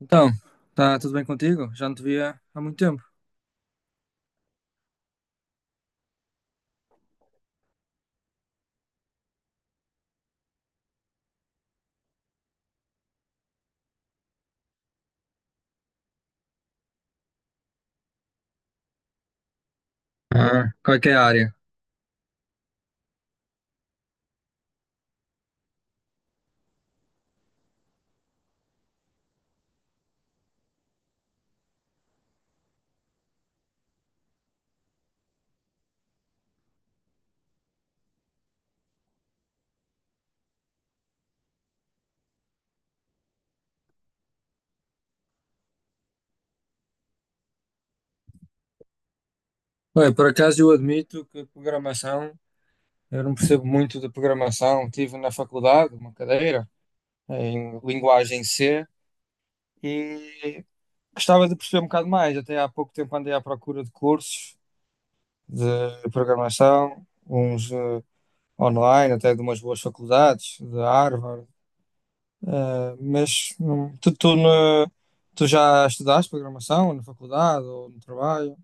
Então, tá tudo bem contigo? Já não te via há muito tempo. Ah, qual é que é a área? Bem, por acaso eu admito que programação, eu não percebo muito de programação. Tive na faculdade uma cadeira em linguagem C e gostava de perceber um bocado mais. Até há pouco tempo andei à procura de cursos de programação, uns online, até de umas boas faculdades, de Harvard. Mas tu já estudaste programação na faculdade ou no trabalho?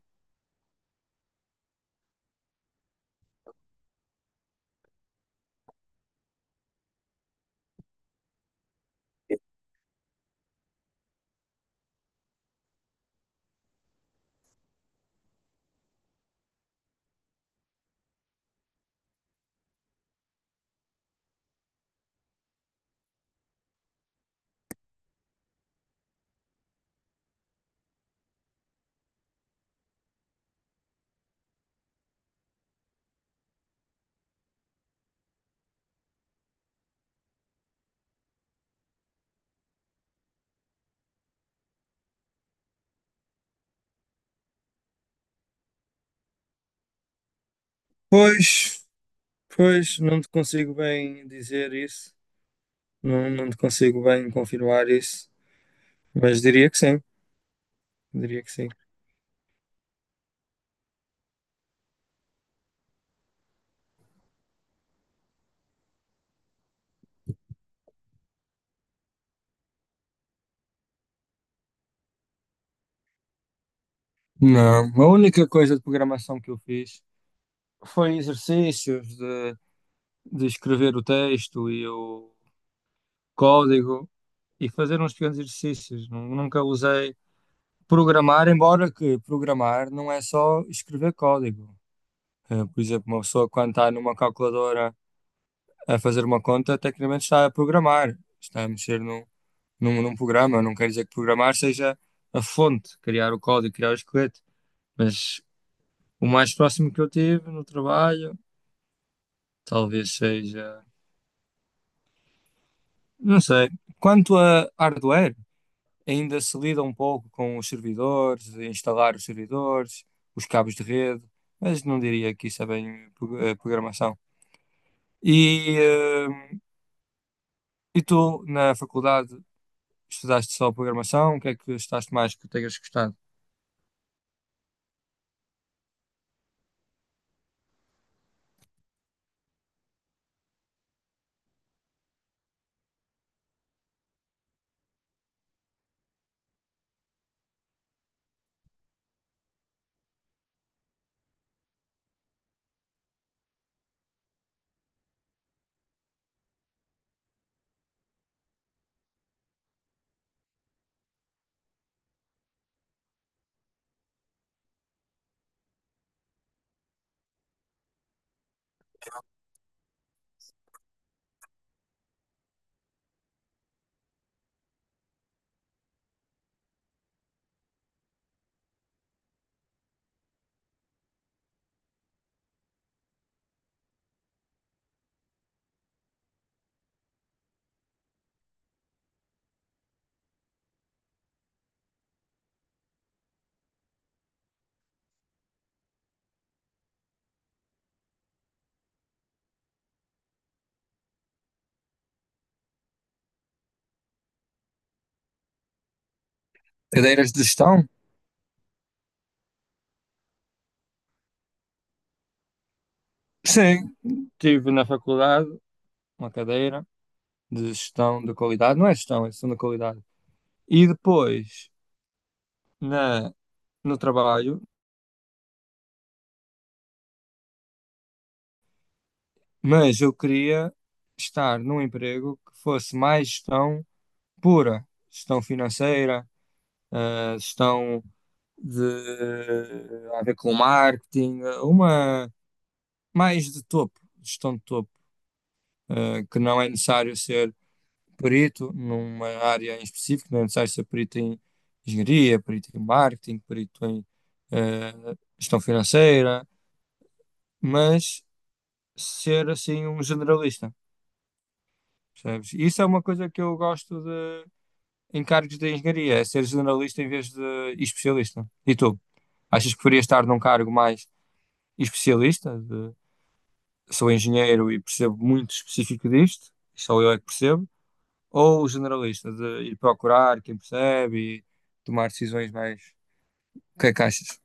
Pois, pois, não te consigo bem dizer isso, não te consigo bem confirmar isso, mas diria que sim, diria que sim. Não, a única coisa de programação que eu fiz foi exercícios de escrever o texto e o código e fazer uns pequenos exercícios. Nunca usei programar, embora que programar não é só escrever código. Por exemplo, uma pessoa quando está numa calculadora a fazer uma conta, tecnicamente está a programar, está a mexer num programa. Não quer dizer que programar seja a fonte, criar o código, criar o esqueleto, mas o mais próximo que eu tive no trabalho, talvez seja, não sei. Quanto a hardware, ainda se lida um pouco com os servidores, instalar os servidores, os cabos de rede, mas não diria que isso é bem programação. E, eh, e tu, na faculdade, estudaste só programação? O que é que estudaste mais que tenhas gostado? Cadeiras de gestão? Sim, tive na faculdade uma cadeira de gestão da qualidade, não é gestão, é gestão da qualidade. E depois na, no trabalho, mas eu queria estar num emprego que fosse mais gestão pura, gestão financeira, gestão de a ver com marketing, uma mais de topo, gestão de topo, que não é necessário ser perito numa área em específico, não é necessário ser perito em engenharia, perito em marketing, perito em eh, gestão financeira, mas ser assim um generalista, percebes? Isso é uma coisa que eu gosto de em cargos de engenharia, é ser generalista em vez de especialista. E tu? Achas que preferias estar num cargo mais especialista, de sou engenheiro e percebo muito específico disto, só eu é que percebo, ou generalista, de ir procurar quem percebe e tomar decisões mais. O que é que achas?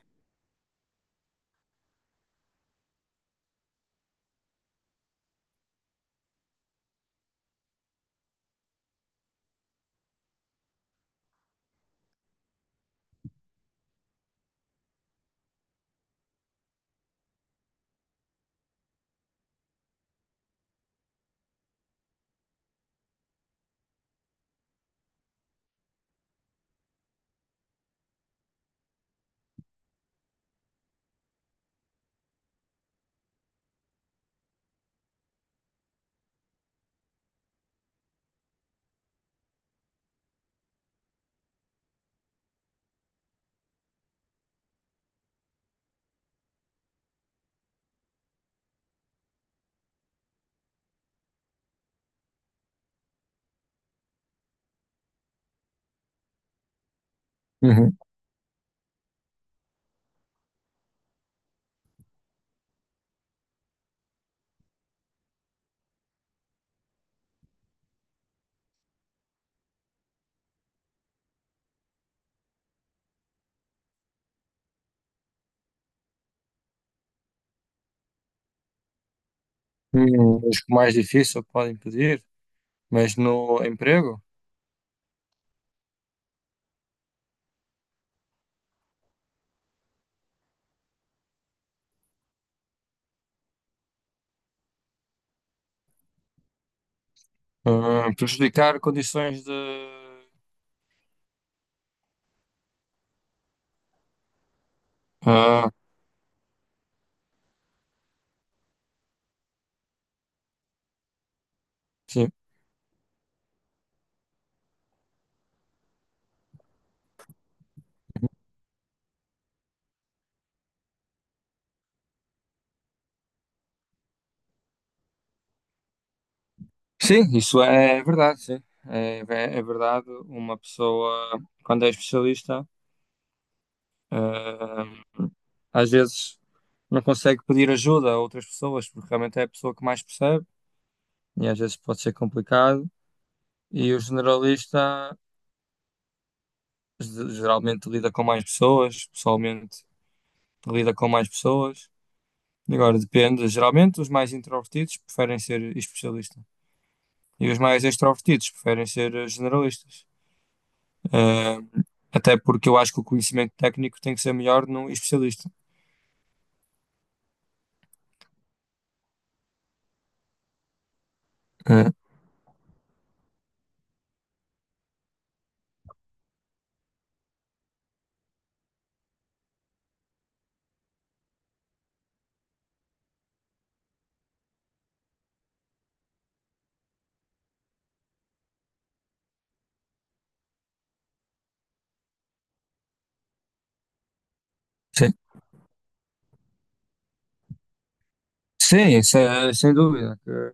Uhum. Os que o mais difícil podem pedir, mas no emprego, ah, prejudicar condições de. Ah, sim. Sim, isso é verdade, sim. É, é verdade, uma pessoa, quando é especialista, ah, às vezes não consegue pedir ajuda a outras pessoas, porque realmente é a pessoa que mais percebe, e às vezes pode ser complicado. E o generalista geralmente lida com mais pessoas, pessoalmente lida com mais pessoas. Agora depende, geralmente os mais introvertidos preferem ser especialista e os mais extrovertidos preferem ser generalistas. Eh, até porque eu acho que o conhecimento técnico tem que ser melhor num especialista. Eh, sim, sim, sem dúvida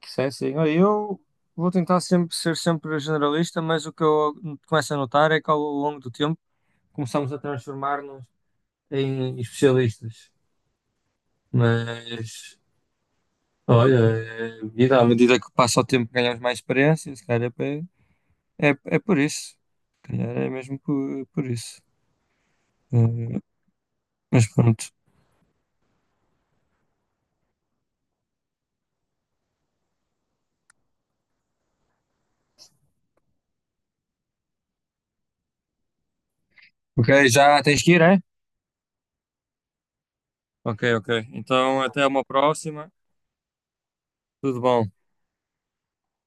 que sim, sim. Olha, eu vou tentar sempre ser sempre generalista, mas o que eu começo a notar é que ao longo do tempo começamos a transformar-nos em especialistas. Mas, olha, é vida, à medida que passa o tempo ganhamos mais experiência, se calhar é, é por isso. Se calhar é mesmo por isso. Eh, mas pronto. Ok, já tens que ir, é? Ok, ok. Então até uma próxima. Tudo bom.